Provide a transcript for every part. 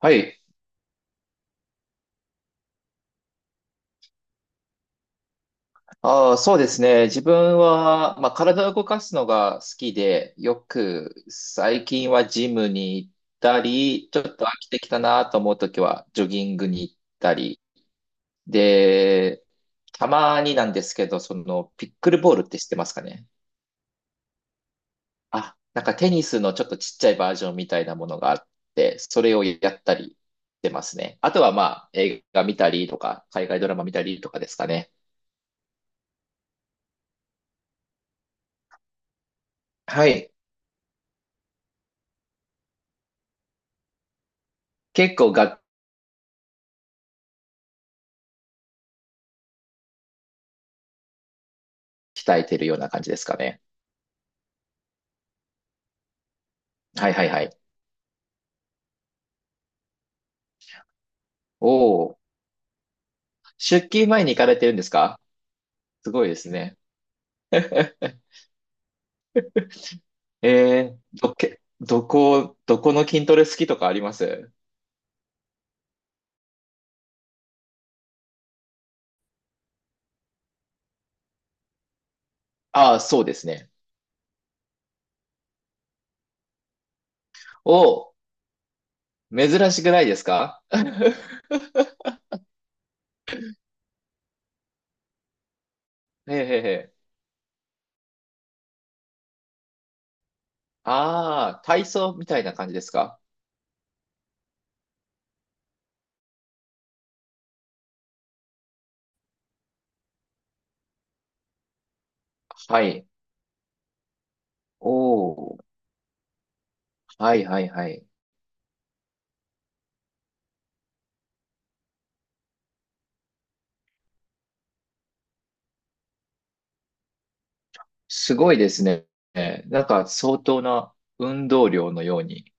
はい。ああ、そうですね。自分は、まあ、体を動かすのが好きで、よく最近はジムに行ったり、ちょっと飽きてきたなと思うときはジョギングに行ったり。で、たまになんですけど、その、ピックルボールって知ってますかね？あ、なんかテニスのちょっとちっちゃいバージョンみたいなものがあって、それをやったりしてますね。あとはまあ、映画見たりとか、海外ドラマ見たりとかですかね。はい。結構鍛えてるような感じですかね。はいはいはい。おお、出勤前に行かれてるんですか？すごいですね。どこの筋トレ好きとかあります？ああー、そうですね。おお、珍しくないですか？ へえへえへえ。ああ、体操みたいな感じですか？はい。おお、はいはいはい。すごいですね。なんか相当な運動量のように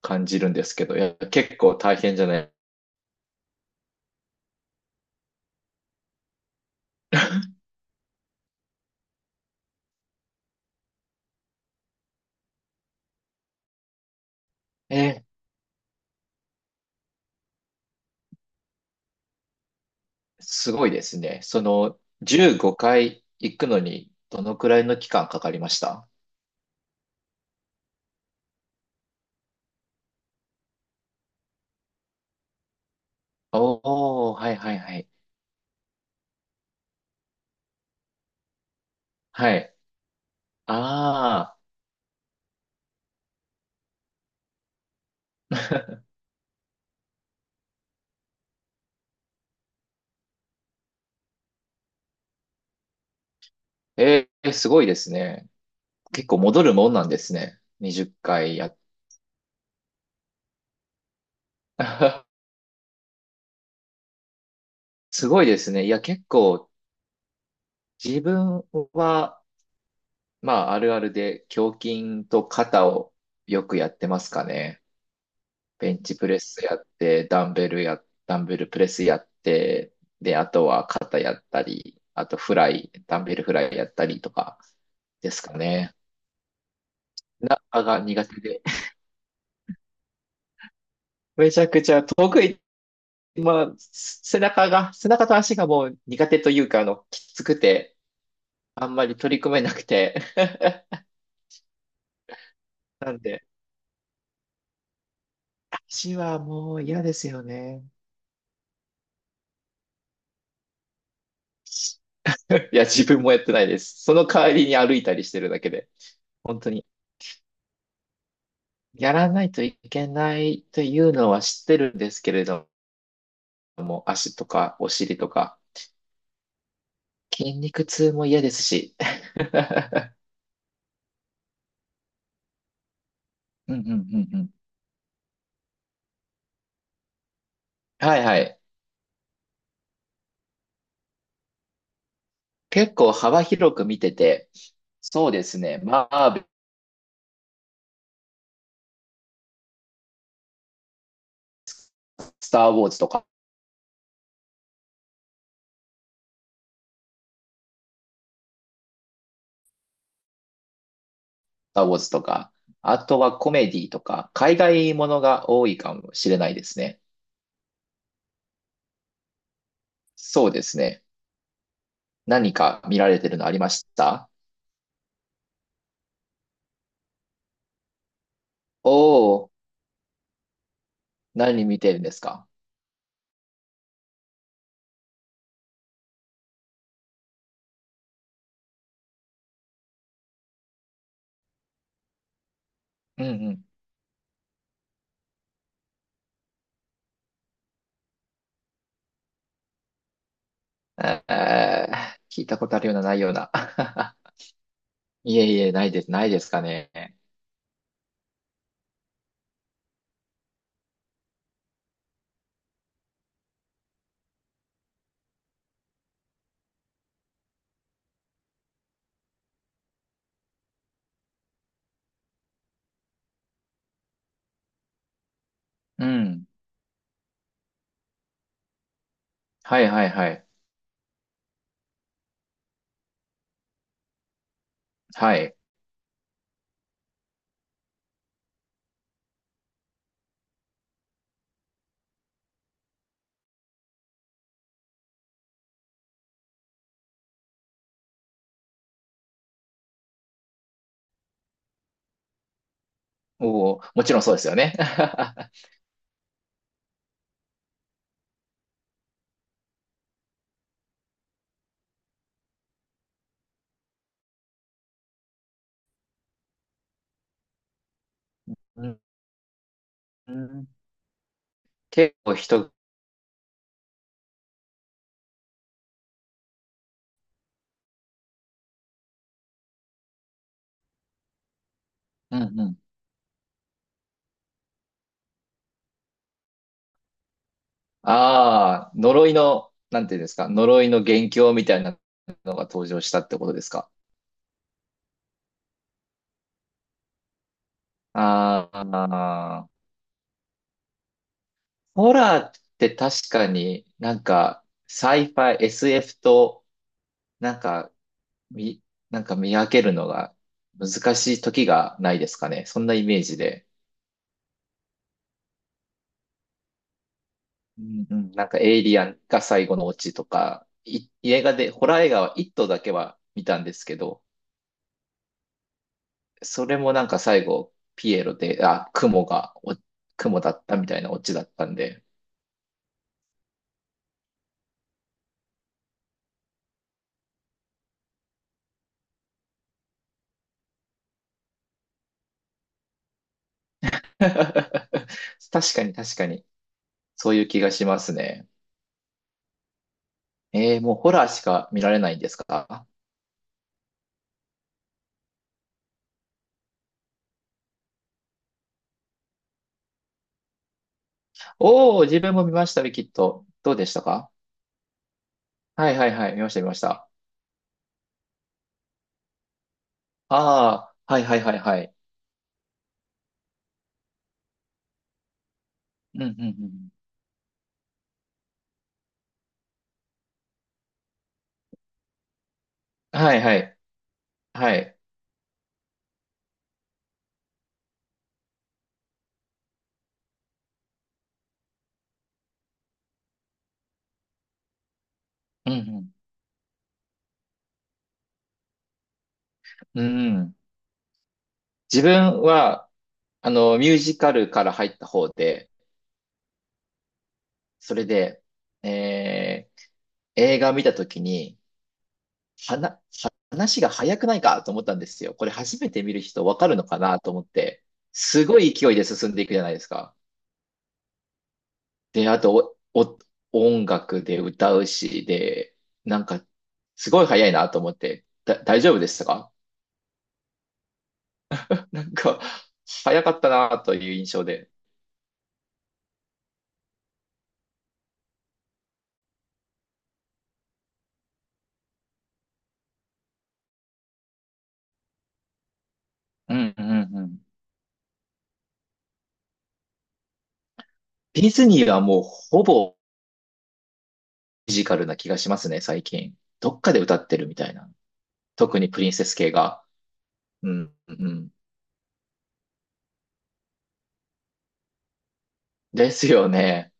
感じるんですけど、いや、結構大変じゃない。えすごいですね。その、15回行くのに、どのくらいの期間かかりました？おー、はいはいはい。はい。ああ、すごいですね。結構戻るもんなんですね。20回やっ すごいですね。いや、結構自分は、まあ、あるあるで胸筋と肩をよくやってますかね。ベンチプレスやって、ダンベルプレスやって、で、あとは肩やったり、あとフライ、ダンベルフライやったりとかですかね。背中が苦手で。めちゃくちゃ得意。まあ、背中と足がもう苦手というか、きつくて、あんまり取り組めなくて。なんで、足はもう嫌ですよね。いや、自分もやってないです。その代わりに歩いたりしてるだけで、本当に。やらないといけないというのは知ってるんですけれども、足とかお尻とか、筋肉痛も嫌ですし。うんうんうんうん。はいはい。結構幅広く見てて、そうですね。マーベル、スター・ウォーズとか、スター・ウォーズとか、あとはコメディとか、海外ものが多いかもしれないですね。そうですね。何か見られてるのありました？おおー、何見てるんですか？うんうん聞いたことあるような、ないような。いえいえ、ないですかね。うん。はいはいはい。はい。おー、もちろんそうですよね。うんうん結構人、うんうん。ああ、呪いの、なんていうんですか、呪いの元凶みたいなのが登場したってことですか。ああ、ホラーって確かになんか、サイファイ、SF と、なんか、み、なんか見分けるのが難しい時がないですかね。そんなイメージで。うんうん、なんかエイリアンが最後のオチとか、映画で、ホラー映画は一頭だけは見たんですけど、それもなんか最後、ピエロで、あ、雲が、お雲だったみたいなオチだったんで、確かに確かに、そういう気がしますね。もうホラーしか見られないんですか？おー、自分も見ましたね、きっと。どうでしたか？はいはいはい、見ました見ました。ああ、はいはいはいはい。うんうんうん。はいはい。はい。うんうん。うん。自分は、ミュージカルから入った方で、それで、えー映画見たときに、はな、話が早くないかと思ったんですよ。これ初めて見る人わかるのかなと思って、すごい勢いで進んでいくじゃないですか。で、あと、音楽で歌うし、で、なんか、すごい早いなと思って、大丈夫でしたか？なんか、早かったなという印象で。うんうんうん。ディズニーはもうほぼフィジカルな気がしますね、最近。どっかで歌ってるみたいな。特にプリンセス系が。うん、うん。ですよね。